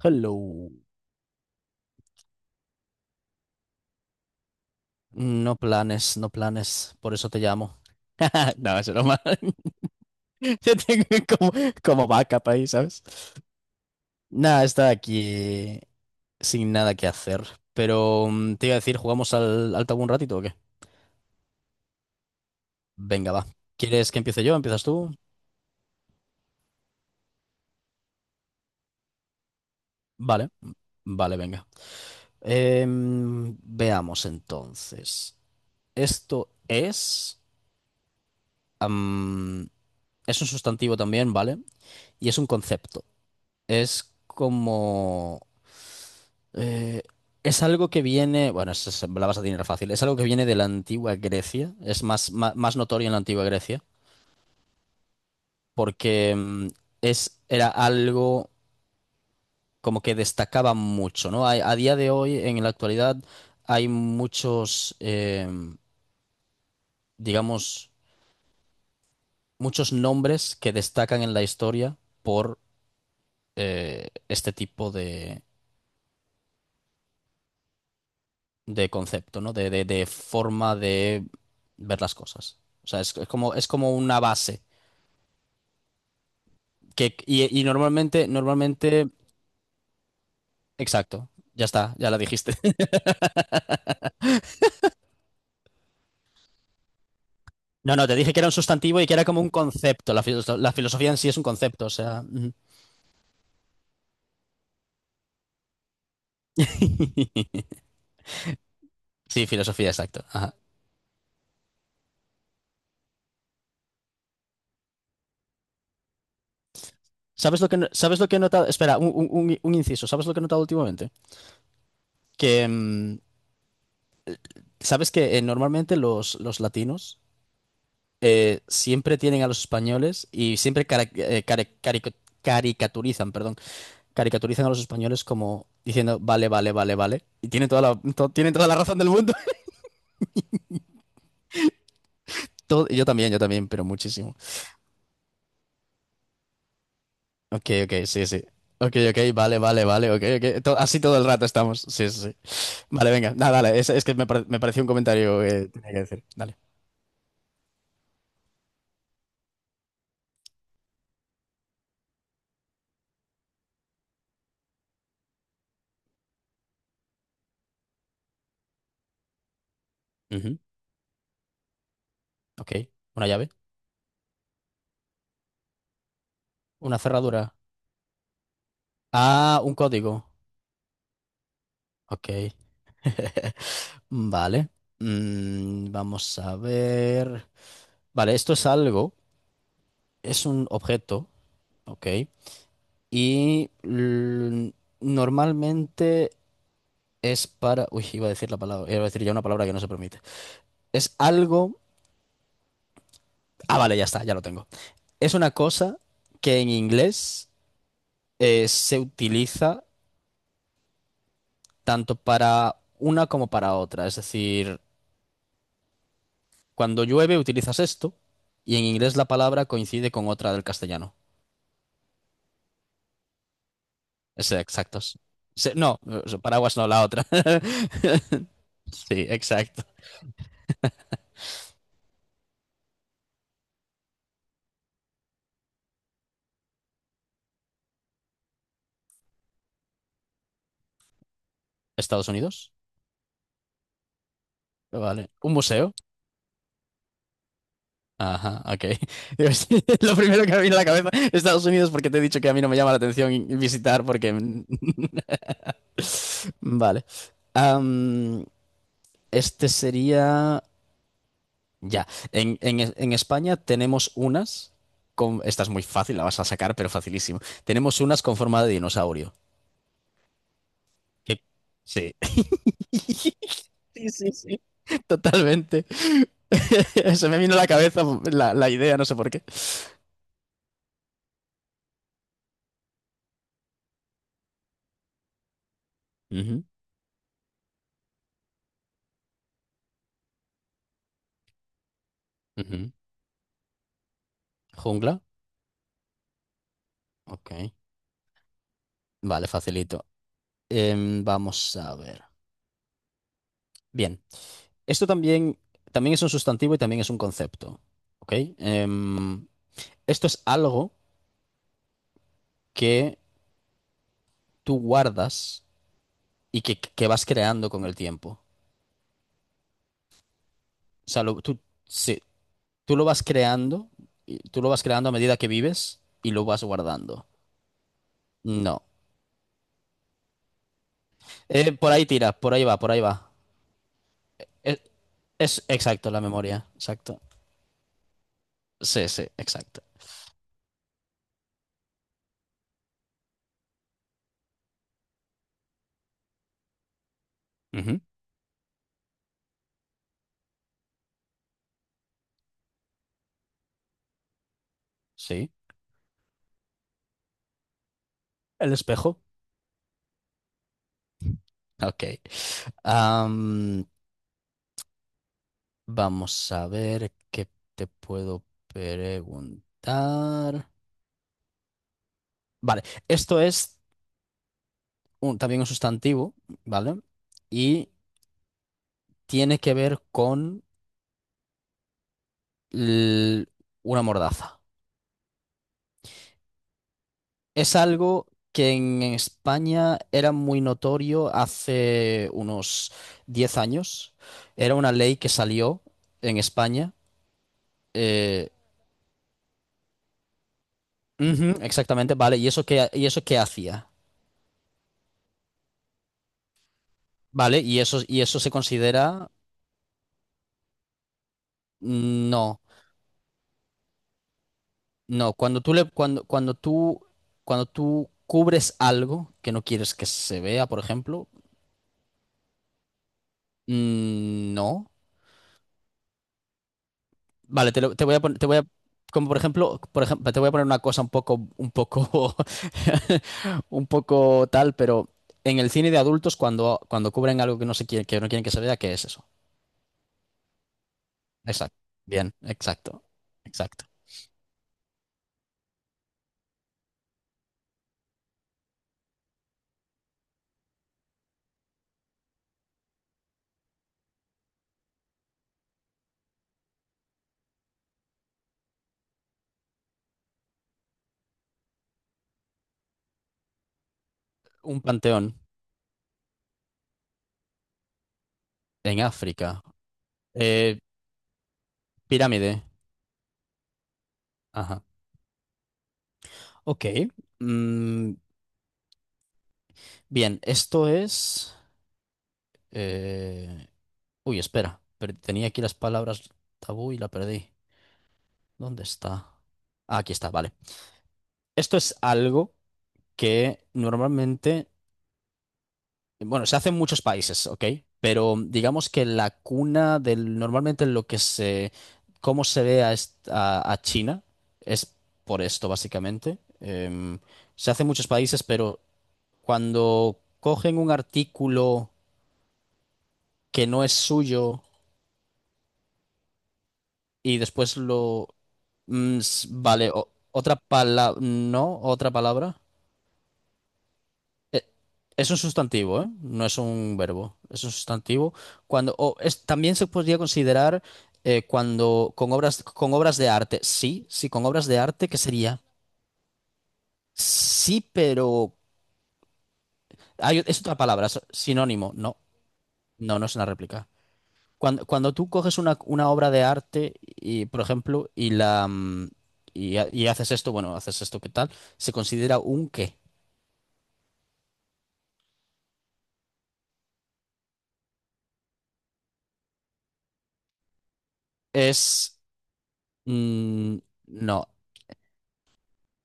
Hello. No planes, no planes, por eso te llamo. No, es broma. Yo tengo como backup ahí, ¿sabes? Nada, está aquí sin nada que hacer. Pero te iba a decir, ¿jugamos al tabú un ratito o qué? Venga, va. ¿Quieres que empiece yo? ¿Empiezas tú? Vale, vale, venga. Veamos entonces. Esto am, es un sustantivo también, ¿vale? Y es un concepto. es como... eh, es algo que viene, bueno, la vas a tener fácil, es algo que viene de la antigua Grecia, es más, más notorio en la antigua Grecia, porque era algo como que destacaba mucho, ¿no? A día de hoy, en la actualidad, hay muchos, digamos, muchos nombres que destacan en la historia por este tipo de concepto, ¿no? De forma de ver las cosas. O sea, es como una base. Que, y normalmente, exacto, ya está, ya la dijiste. No, no, te dije que era un sustantivo y que era como un concepto. La filosofía en sí es un concepto, o sea. Ujú. Sí, filosofía, exacto. Ajá. ¿Sabes lo que, no- sabes lo que he notado? Espera, un inciso. ¿Sabes lo que he notado últimamente? Que, mm, ¿Sabes que normalmente los latinos siempre tienen a los españoles y siempre caricaturizan, perdón, caricaturizan a los españoles como diciendo, vale, vale, vale, vale? Y tienen toda la razón del mundo. Yo también, yo también, pero muchísimo. Ok, ok, sí, sí. Ok, ok, vale, vale, vale, ok, ok. Así todo el rato estamos. Sí, sí, sí. Vale, venga, nada, dale. Es que me pareció un comentario que tenía que decir. Dale. Ujú. Ok. ¿Una llave? ¿Una cerradura? Ah, un código. Ok. Vale. Vamos a ver. Vale, esto es un objeto, ¿ok? Y l- Normalmente es para. Uy, iba a decir la palabra, iba a decir ya una palabra que no se permite. Es algo. Ah, vale, ya está, ya lo tengo. Es una cosa que en inglés se utiliza tanto para una como para otra. Es decir, cuando llueve utilizas esto y en inglés la palabra coincide con otra del castellano. Sí, exactos. Sí, no, paraguas no, la otra. Sí, exacto. Estados Unidos. Vale. ¿Un museo? Ajá, ok. Digo, es Lo primero que me viene a la cabeza, Estados Unidos, porque te he dicho que a mí no me llama la atención visitar, porque. Vale. Am, este sería. Ya. En España tenemos unas con. Esta es muy fácil, la vas a sacar, pero facilísimo. Tenemos unas con forma de dinosaurio. Que- Sí. Sí, sí, sí, totalmente. Se me vino a la cabeza la idea, no sé por qué. Ujú, ujú. ¿Jungla? Ok. Vale, facilito. Vamos a ver. Bien. Esto también es un sustantivo y también es un concepto. ¿Ok? Em, Esto es algo que tú guardas y que vas creando con el tiempo. O sea, tú, sí. Tú lo vas creando, y tú lo vas creando a medida que vives y lo vas guardando. No. Por ahí tira, por ahí va, por ahí va. Es, es exacto la memoria, exacto. Sí, sí, exacto. Ujú. Sí. El espejo. Ok. Am, Vamos a ver qué te puedo preguntar. Vale, esto es también un sustantivo, ¿vale? Y tiene que ver con l- una mordaza. Es algo que en España era muy notorio hace unos 10 años. Era una ley que salió en España. eh, Ujú, exactamente, vale. ¿Y eso qué hacía? Vale, y eso se considera. No, no. Cuando tú le, cuando, cuando tú cubres algo que no quieres que se vea, por ejemplo. No. Vale, te voy a poner, como por ejemplo, te voy a poner una cosa un poco, un poco tal, pero en el cine de adultos cuando cubren algo que no se quiere, que no quieren que se vea, ¿qué es eso? Exacto. Bien, exacto, exacto. Un panteón en África. Eh, Pirámide. Ajá. Ok. Mm, Bien, esto es. eh, Uy, espera. Tenía aquí las palabras tabú y la perdí. ¿Dónde está? Ah, aquí está, vale. Esto es algo que normalmente, bueno, se hace en muchos países, ¿ok? Pero digamos que la cuna del, normalmente lo que se, cómo se ve a China es por esto, básicamente. Se hace en muchos países, pero cuando cogen un artículo que no es suyo y después lo, vale, otra palabra, no, otra palabra. Eh, Es un sustantivo, ¿eh? No es un verbo. Es un sustantivo. Cuando, o es, también se podría considerar cuando con obras de arte. Sí, sí, con obras de arte, ¿qué sería? Sí, pero hay, es otra palabra, es sinónimo. No, no, no es una réplica. Cuando tú coges una obra de arte y, por ejemplo, y haces esto, bueno, haces esto, ¿qué tal? Se considera un qué. Es mm, no,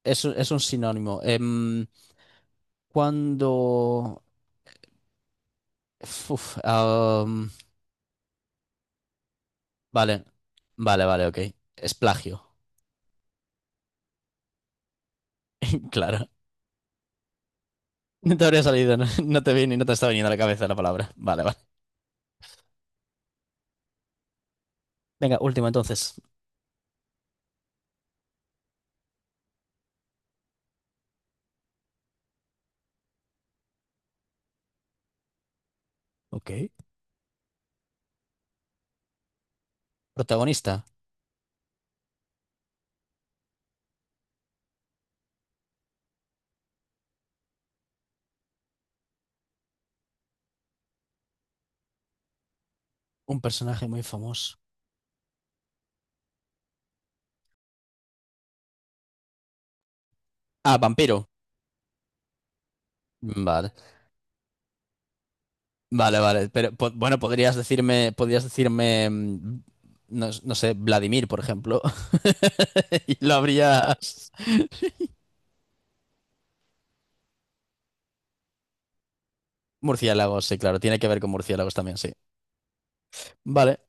es un sinónimo. Cuando. Uf, vale, vale, vale, ok. Es plagio. Claro. No te habría salido, no, no te viene, no te está viniendo a la cabeza la palabra. Vale, vale. Venga, último entonces. Ok. Protagonista. Un personaje muy famoso. Ah, vampiro. Vale, vale, vale. Pero bueno, podrías decirme, no, no sé, Vladimir, por ejemplo. Y lo habrías. Murciélagos, sí, claro. Tiene que ver con murciélagos también, sí. Vale.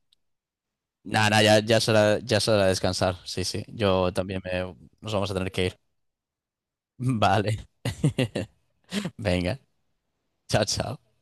Nada, ya es hora, ya es hora de descansar. Sí, sí, nos vamos a tener que ir. Vale. Venga, chao, chao.